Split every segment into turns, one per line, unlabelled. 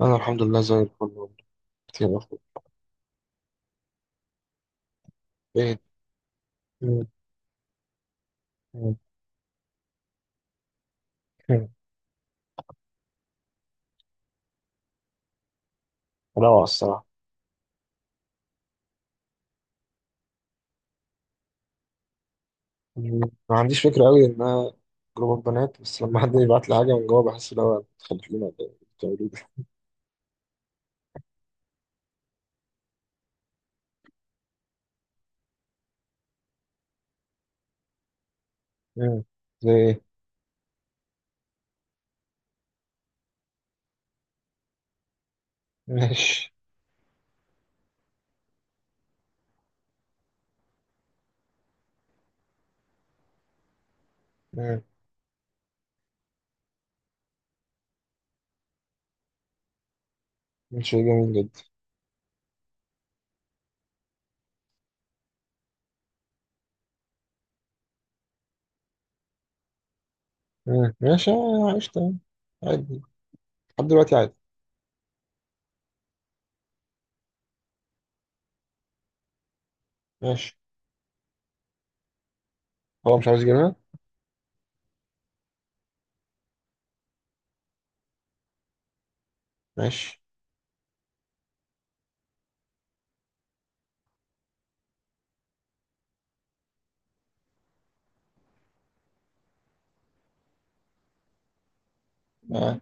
أنا الحمد لله زي الفل. كتير أخوي. إيه. مم. مم. مم. روعة الصراحة. مم. ما عنديش فكرة أوي إنها جروب بنات، بس لما حد يبعت لي حاجة من جوه بحس إن هو تخلف لنا ده بتعملوه ده. مم. زي إيه؟ ماشي. مم. شيء جميل جدا. مم. ماشي، آه، عشت يعني. عادي. لحد دلوقتي عادي. ماشي. هو مش عاوز يجيبها. ماشي، آه.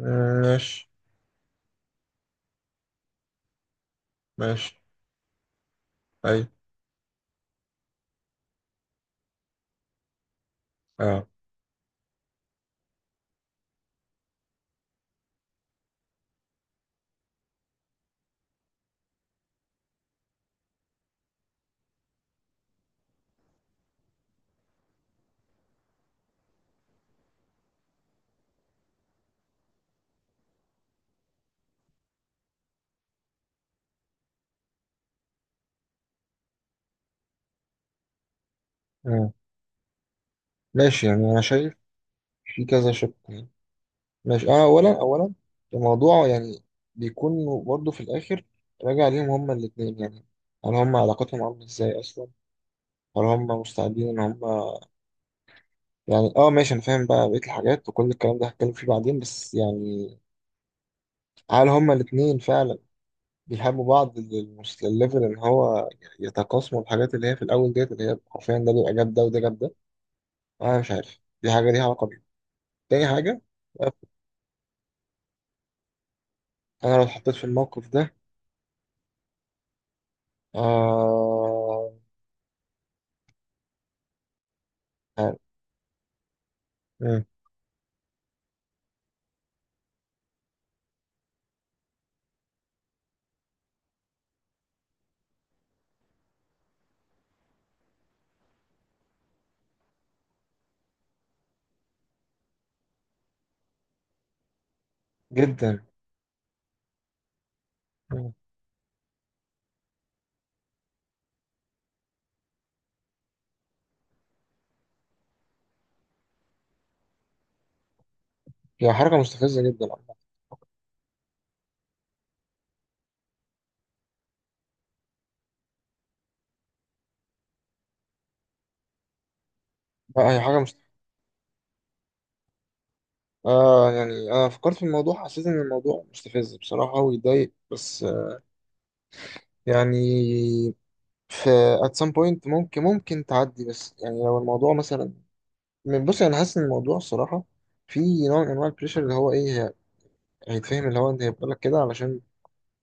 ماشي. ماشي. أي. أه. مم. ماشي، يعني أنا شايف في كذا شق. ماشي. اه، اولا اولا الموضوع يعني بيكون برضه في الاخر راجع ليهم هما الاثنين، يعني هل هما علاقتهم عامله ازاي اصلا، هل هما مستعدين ان هما، يعني اه ماشي انا فاهم بقى بقيه الحاجات وكل الكلام ده هتكلم فيه بعدين، بس يعني هل هما الاثنين فعلا بيحبوا بعض للليفل ان هو يتقاسموا الحاجات اللي هي في الاول ديت، اللي هي حرفيا ده بيبقى جاب ده وده جاب ده. انا مش عارف دي حاجه ليها علاقه بيه. تاني حاجه. انا لو اتحطيت في الموقف ده آه... آه. جدا. مم. هي حركة مستفزة جدا عامة. لا، يعني أنا فكرت في الموضوع حسيت إن الموضوع مستفز بصراحة ويضايق، بس يعني في at some point ممكن تعدي، بس يعني لو الموضوع مثلا بص أنا حاسس إن الموضوع الصراحة في نوع من أنواع البريشر اللي هو إيه هيتفهم اللي هو أنت هيبقى لك كده علشان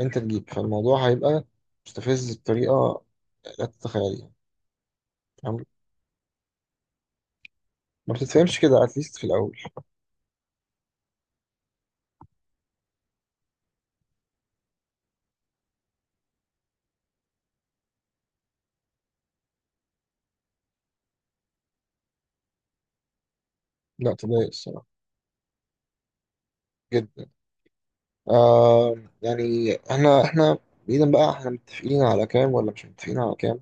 أنت تجيب، فالموضوع هيبقى مستفز بطريقة لا تتخيليها. فاهم؟ ما بتتفهمش كده at least في الأول. لا، تضايق الصراحة. جدا. آه، يعني احنا بعيدا بقى، احنا متفقين على كام ولا مش متفقين على كام.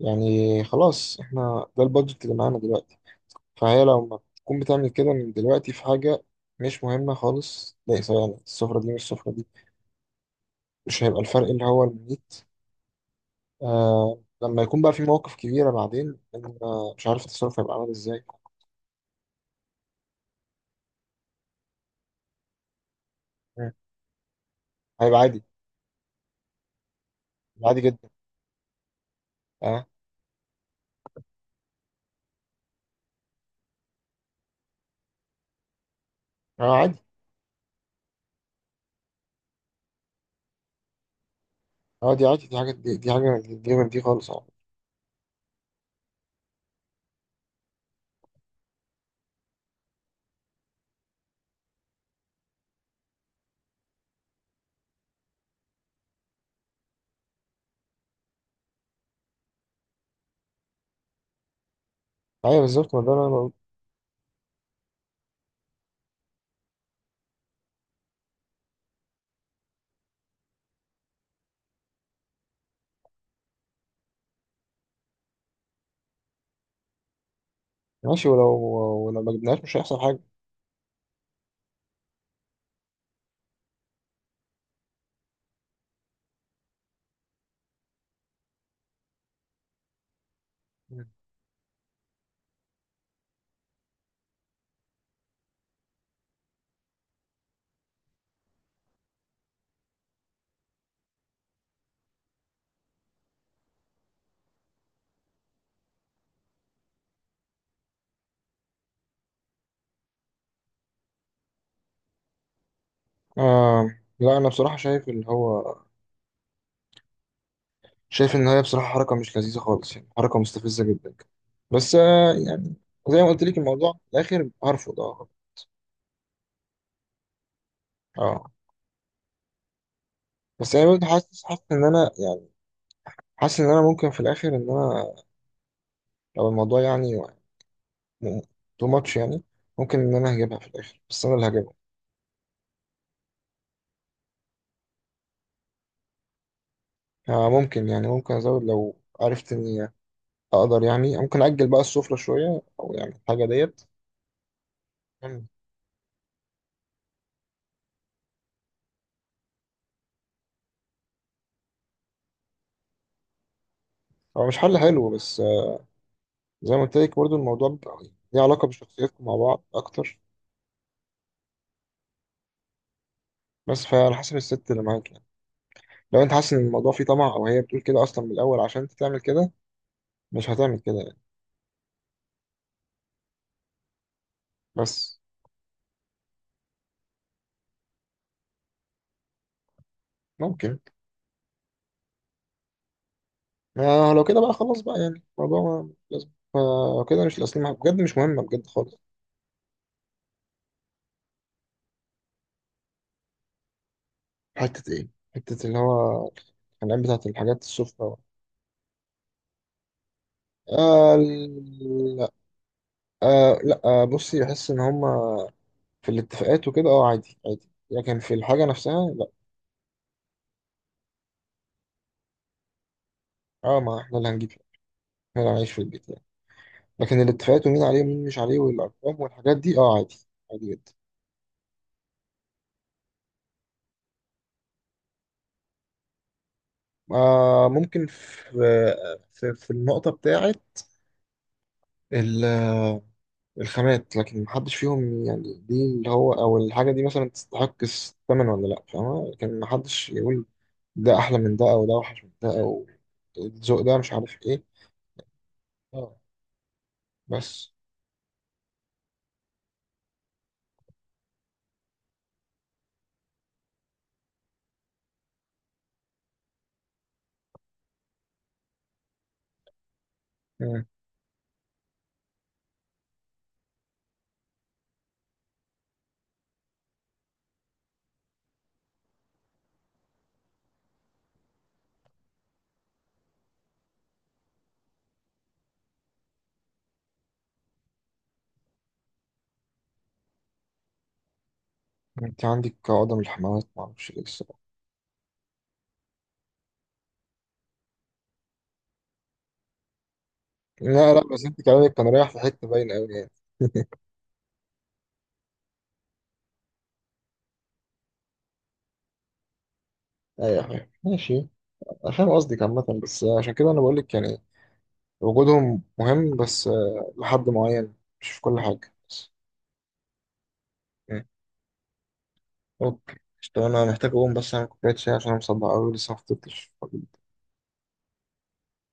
يعني خلاص، احنا ده البادجت اللي معانا دلوقتي. فهي لو ما تكون بتعمل كده من دلوقتي في حاجة مش مهمة خالص، لا سواء يعني السفرة دي مش السفرة دي، مش هيبقى الفرق اللي هو المميت. آه لما يكون بقى في مواقف كبيرة بعدين مش عارف التصرف هيبقى عامل ازاي. مم. هيبقى عادي. عادي جدا. اه، آه، عادي. اه، دي عادي، دي حاجة، دي حاجة دي غير دي خالص، اه. ايوه بالظبط، ما ده اللي أنا. ماشي. ولو ما جبناهاش مش هيحصل حاجة. آه لا، أنا بصراحة شايف اللي هو شايف إن هي بصراحة حركة مش لذيذة خالص، يعني حركة مستفزة جدا، بس يعني زي ما قلت لك الموضوع في الآخر هرفض أه. أه، بس أنا برضه حاسس إن أنا، يعني حاسس إن أنا ممكن في الآخر، إن أنا لو الموضوع يعني تو ماتش، يعني ممكن إن أنا هجيبها في الآخر بس أنا اللي هجيبها. آه ممكن، يعني ممكن أزود لو عرفت إني أقدر، يعني ممكن أجل بقى السفرة شوية، أو يعني الحاجة ديت. هو مش حل حلو، بس زي ما قلت لك برضه الموضوع بيبقى يعني ليه علاقة بشخصياتكم مع بعض أكتر. بس فعلى حسب الست اللي معاك، يعني لو أنت حاسس إن الموضوع فيه طمع أو هي بتقول كده أصلا من الأول عشان أنت تعمل كده، مش هتعمل كده يعني. بس ممكن. ما لو كده بقى خلاص بقى، يعني الموضوع لازم، فلو كده مش الأصل، بجد مش مهمة بجد خالص. حتة إيه؟ حتة اللي هو الخناقات بتاعت الحاجات السفرة. آه. لا. آه، لا، آه، بصي، بحس إن هما في الاتفاقات وكده أه عادي عادي، لكن في الحاجة نفسها. اه، ما احنا اللي هنجيب، احنا اللي هنعيش في البيت يعني. لكن الاتفاقات ومين عليه ومين مش عليه والارقام والحاجات دي اه عادي. عادي جدا. آه ممكن في في النقطة بتاعة ال- الخامات، لكن محدش فيهم يعني دي اللي هو او الحاجة دي مثلا تستحق الثمن ولا لا، فاهمة؟ لكن محدش يقول ده احلى من ده او ده اوحش من ده او الذوق ده مش عارف ايه. اه. بس. مم. انت عندك عقدة من الحماوات معرفش ايه الصراحة. لا لا، بس انت كلامك كان رايح في حتة باينة قوي يعني. ايوه فاهم، ماشي. أنا فاهم قصدك عامة، بس عشان كده انا بقول لك، يعني وجودهم مهم، بس لحد معين، مش في كل حاجة بس. مم. اوكي. طب انا محتاج اقوم بس اعمل كوباية شاي عشان انا مصدع قوي لسه ما فطرتش.